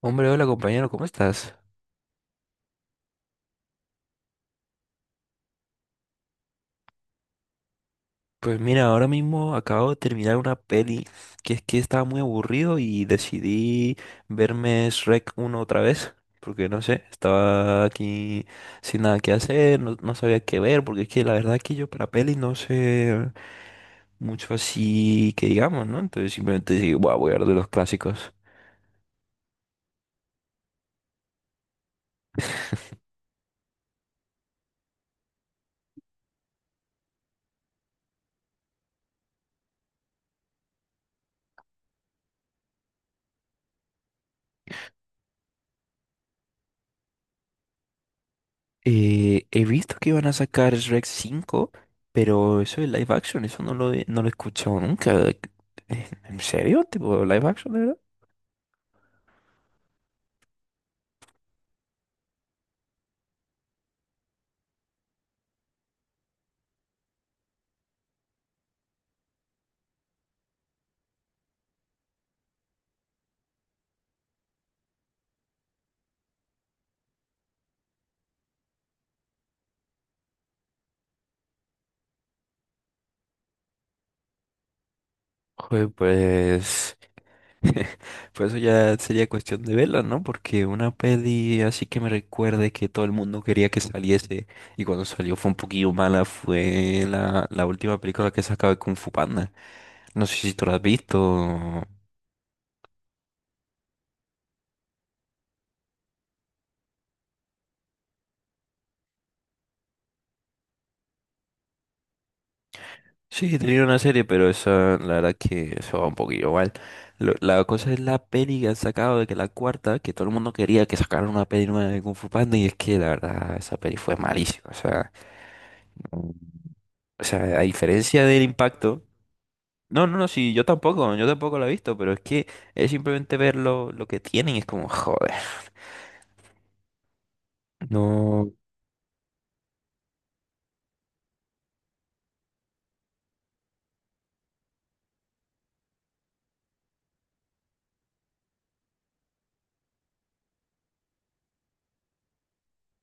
Hombre, hola compañero, ¿cómo estás? Pues mira, ahora mismo acabo de terminar una peli que es que estaba muy aburrido y decidí verme Shrek uno otra vez, porque no sé, estaba aquí sin nada que hacer, no, no sabía qué ver, porque es que la verdad que yo para peli no sé mucho así que digamos, ¿no? Entonces simplemente dije, "Buah, voy a ver de los clásicos". He visto que iban a sacar Shrek 5, pero eso de live action, eso no lo he escuchado nunca. ¿En serio? ¿Tipo live action, de verdad? Joder, pues... Pues eso ya sería cuestión de verla, ¿no? Porque una peli así que me recuerde que todo el mundo quería que saliese y cuando salió fue un poquillo mala fue la última película que sacaba de Kung Fu Panda. No sé si tú la has visto. Sí, tenía una serie, pero esa, la verdad que eso va un poquillo mal. La cosa es la peli que han sacado de que la cuarta, que todo el mundo quería que sacaran una peli nueva de Kung Fu Panda, y es que la verdad, esa peli fue malísima. O sea, Mm. o sea, a diferencia del impacto. No, no, no, sí, yo tampoco la he visto, pero es que es simplemente ver lo que tienen, y es como, joder. No.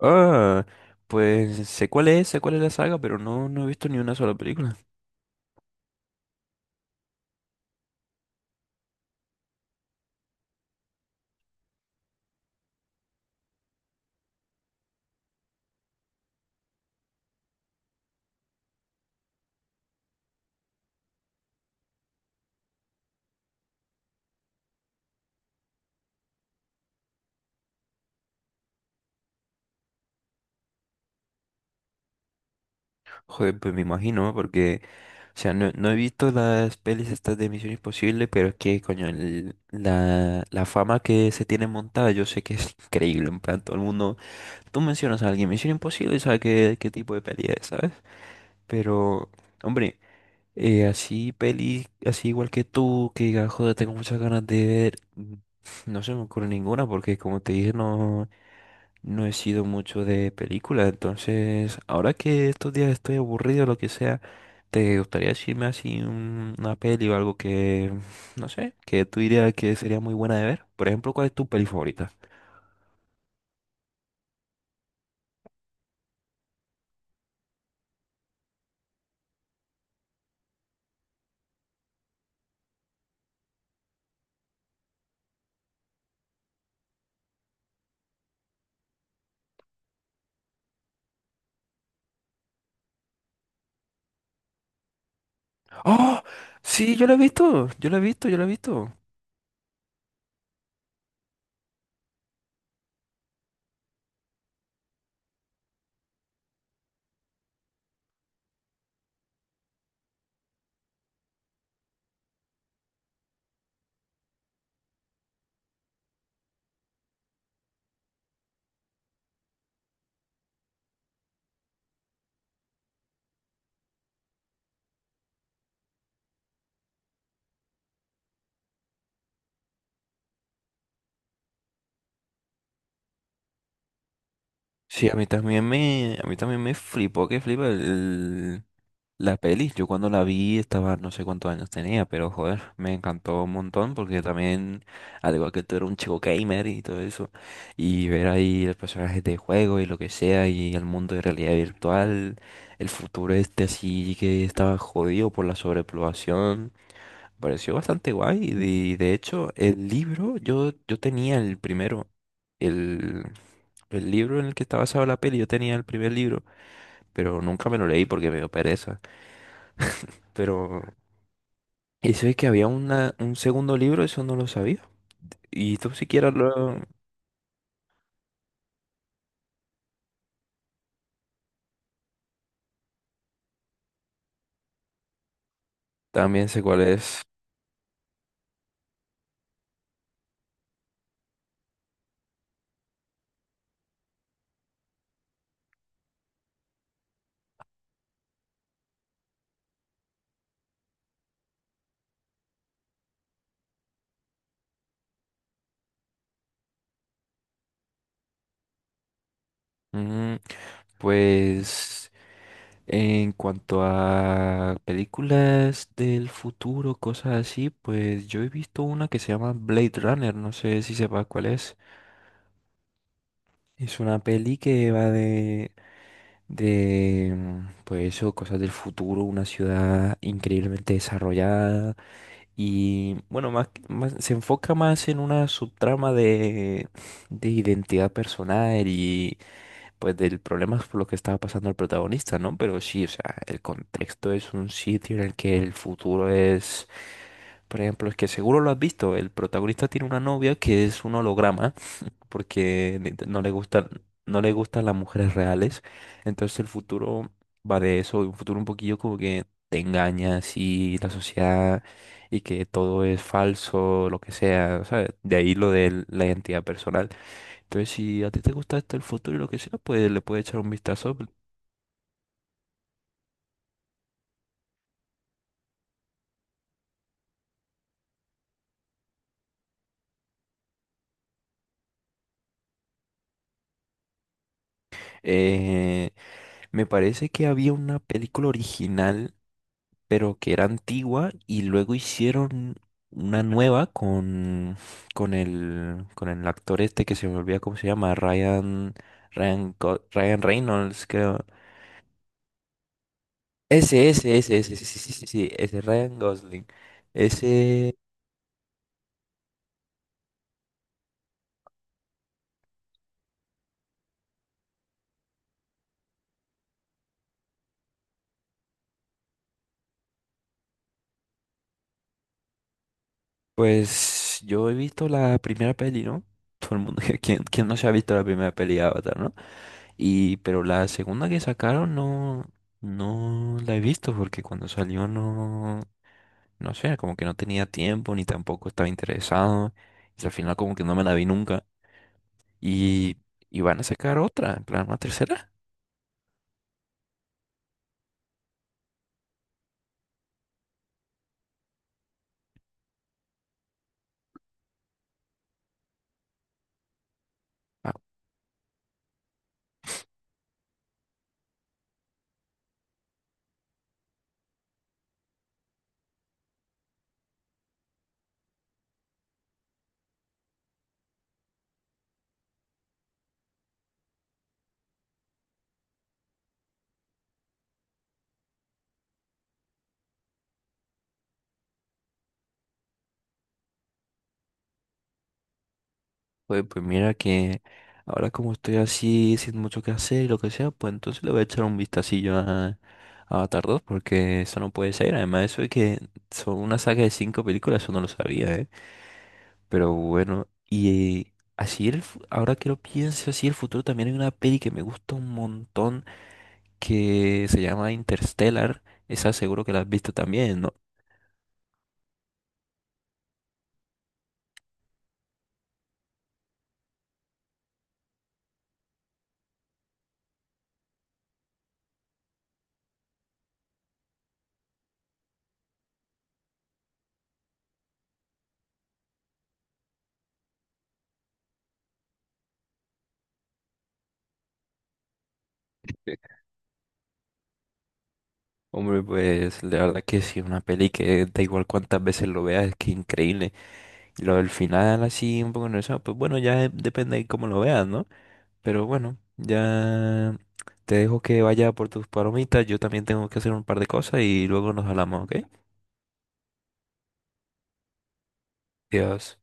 Ah, pues sé cuál es la saga, pero no, no he visto ni una sola película. Joder, pues me imagino, ¿no? Porque o sea, no, no he visto las pelis estas de Misión Imposible, pero es que, coño, la fama que se tiene montada, yo sé que es increíble. En plan, todo el mundo, tú mencionas a alguien Misión Imposible y sabes qué tipo de peli es, ¿sabes? Pero, hombre, así peli, así igual que tú, que digas, joder, tengo muchas ganas de ver, no se me ocurre ninguna, porque como te dije, no, no he sido mucho de película. Entonces, ahora que estos días estoy aburrido, lo que sea. ¿Te gustaría decirme así una peli o algo que, no sé, que tú dirías que sería muy buena de ver? Por ejemplo, ¿cuál es tu peli favorita? ¡Oh! Sí, yo la he visto, yo la he visto, yo la he visto. Sí, a mí también a mí también me flipó, que flipa el. La peli, yo cuando la vi estaba, no sé cuántos años tenía, pero joder, me encantó un montón porque también, al igual que tú eres un chico gamer y todo eso, y ver ahí los personajes de juego y lo que sea, y el mundo de realidad virtual, el futuro este así que estaba jodido por la sobrepoblación, pareció bastante guay. Y de hecho, el libro, yo tenía el primero, el, el libro en el que está basado la peli, yo tenía el primer libro, pero nunca me lo leí porque me dio pereza. Pero y sé que había una, un segundo libro, eso no lo sabía. Y tú siquiera lo... También sé cuál es. Mm, pues en cuanto a películas del futuro, cosas así, pues yo he visto una que se llama Blade Runner, no sé si sepas cuál es. Es una peli que va de, pues eso, cosas del futuro, una ciudad increíblemente desarrollada. Y bueno, se enfoca más en una subtrama de identidad personal y pues del problema por lo que estaba pasando el protagonista, ¿no? Pero sí, o sea, el contexto es un sitio en el que el futuro es, por ejemplo, es que seguro lo has visto, el protagonista tiene una novia que es un holograma porque no le gustan, no le gustan las mujeres reales. Entonces el futuro va de eso, un futuro un poquillo como que te engañas y la sociedad y que todo es falso, lo que sea, ¿sabes? De ahí lo de la identidad personal. Entonces si a ti te gusta esto el futuro y lo que sea, pues le puedes echar un vistazo. Eh, me parece que había una película original, pero que era antigua y luego hicieron una nueva con, con el actor este que se me olvida cómo se llama, Ryan Reynolds, creo. Ese, sí, sí, sí, sí, sí, ese Ryan Gosling. Ese, pues yo he visto la primera peli, ¿no? Todo el mundo, ¿quién, quién no se ha visto la primera peli de Avatar, ¿no? Y, pero la segunda que sacaron no, no la he visto porque cuando salió no, no sé, como que no tenía tiempo ni tampoco estaba interesado. Y al final como que no me la vi nunca. Y, y van a sacar otra, en plan, una tercera. Ah, pues, pues mira que ahora como estoy así, sin mucho que hacer y lo que sea, pues entonces le voy a echar un vistacillo a Avatar 2 porque eso no puede ser. Además, eso de que son una saga de 5 películas, eso no lo sabía, ¿eh? Pero bueno, y... Así ahora que lo pienso, así el futuro también hay una peli que me gusta un montón que se llama Interstellar. Esa seguro que la has visto también, ¿no? Sí. Hombre, pues la verdad que sí, una peli que da igual cuántas veces lo veas, es que increíble. Y lo del final así, un poco nervioso, pues bueno, ya depende de cómo lo veas, ¿no? Pero bueno, ya te dejo que vaya por tus palomitas, yo también tengo que hacer un par de cosas y luego nos hablamos, ¿ok? Adiós.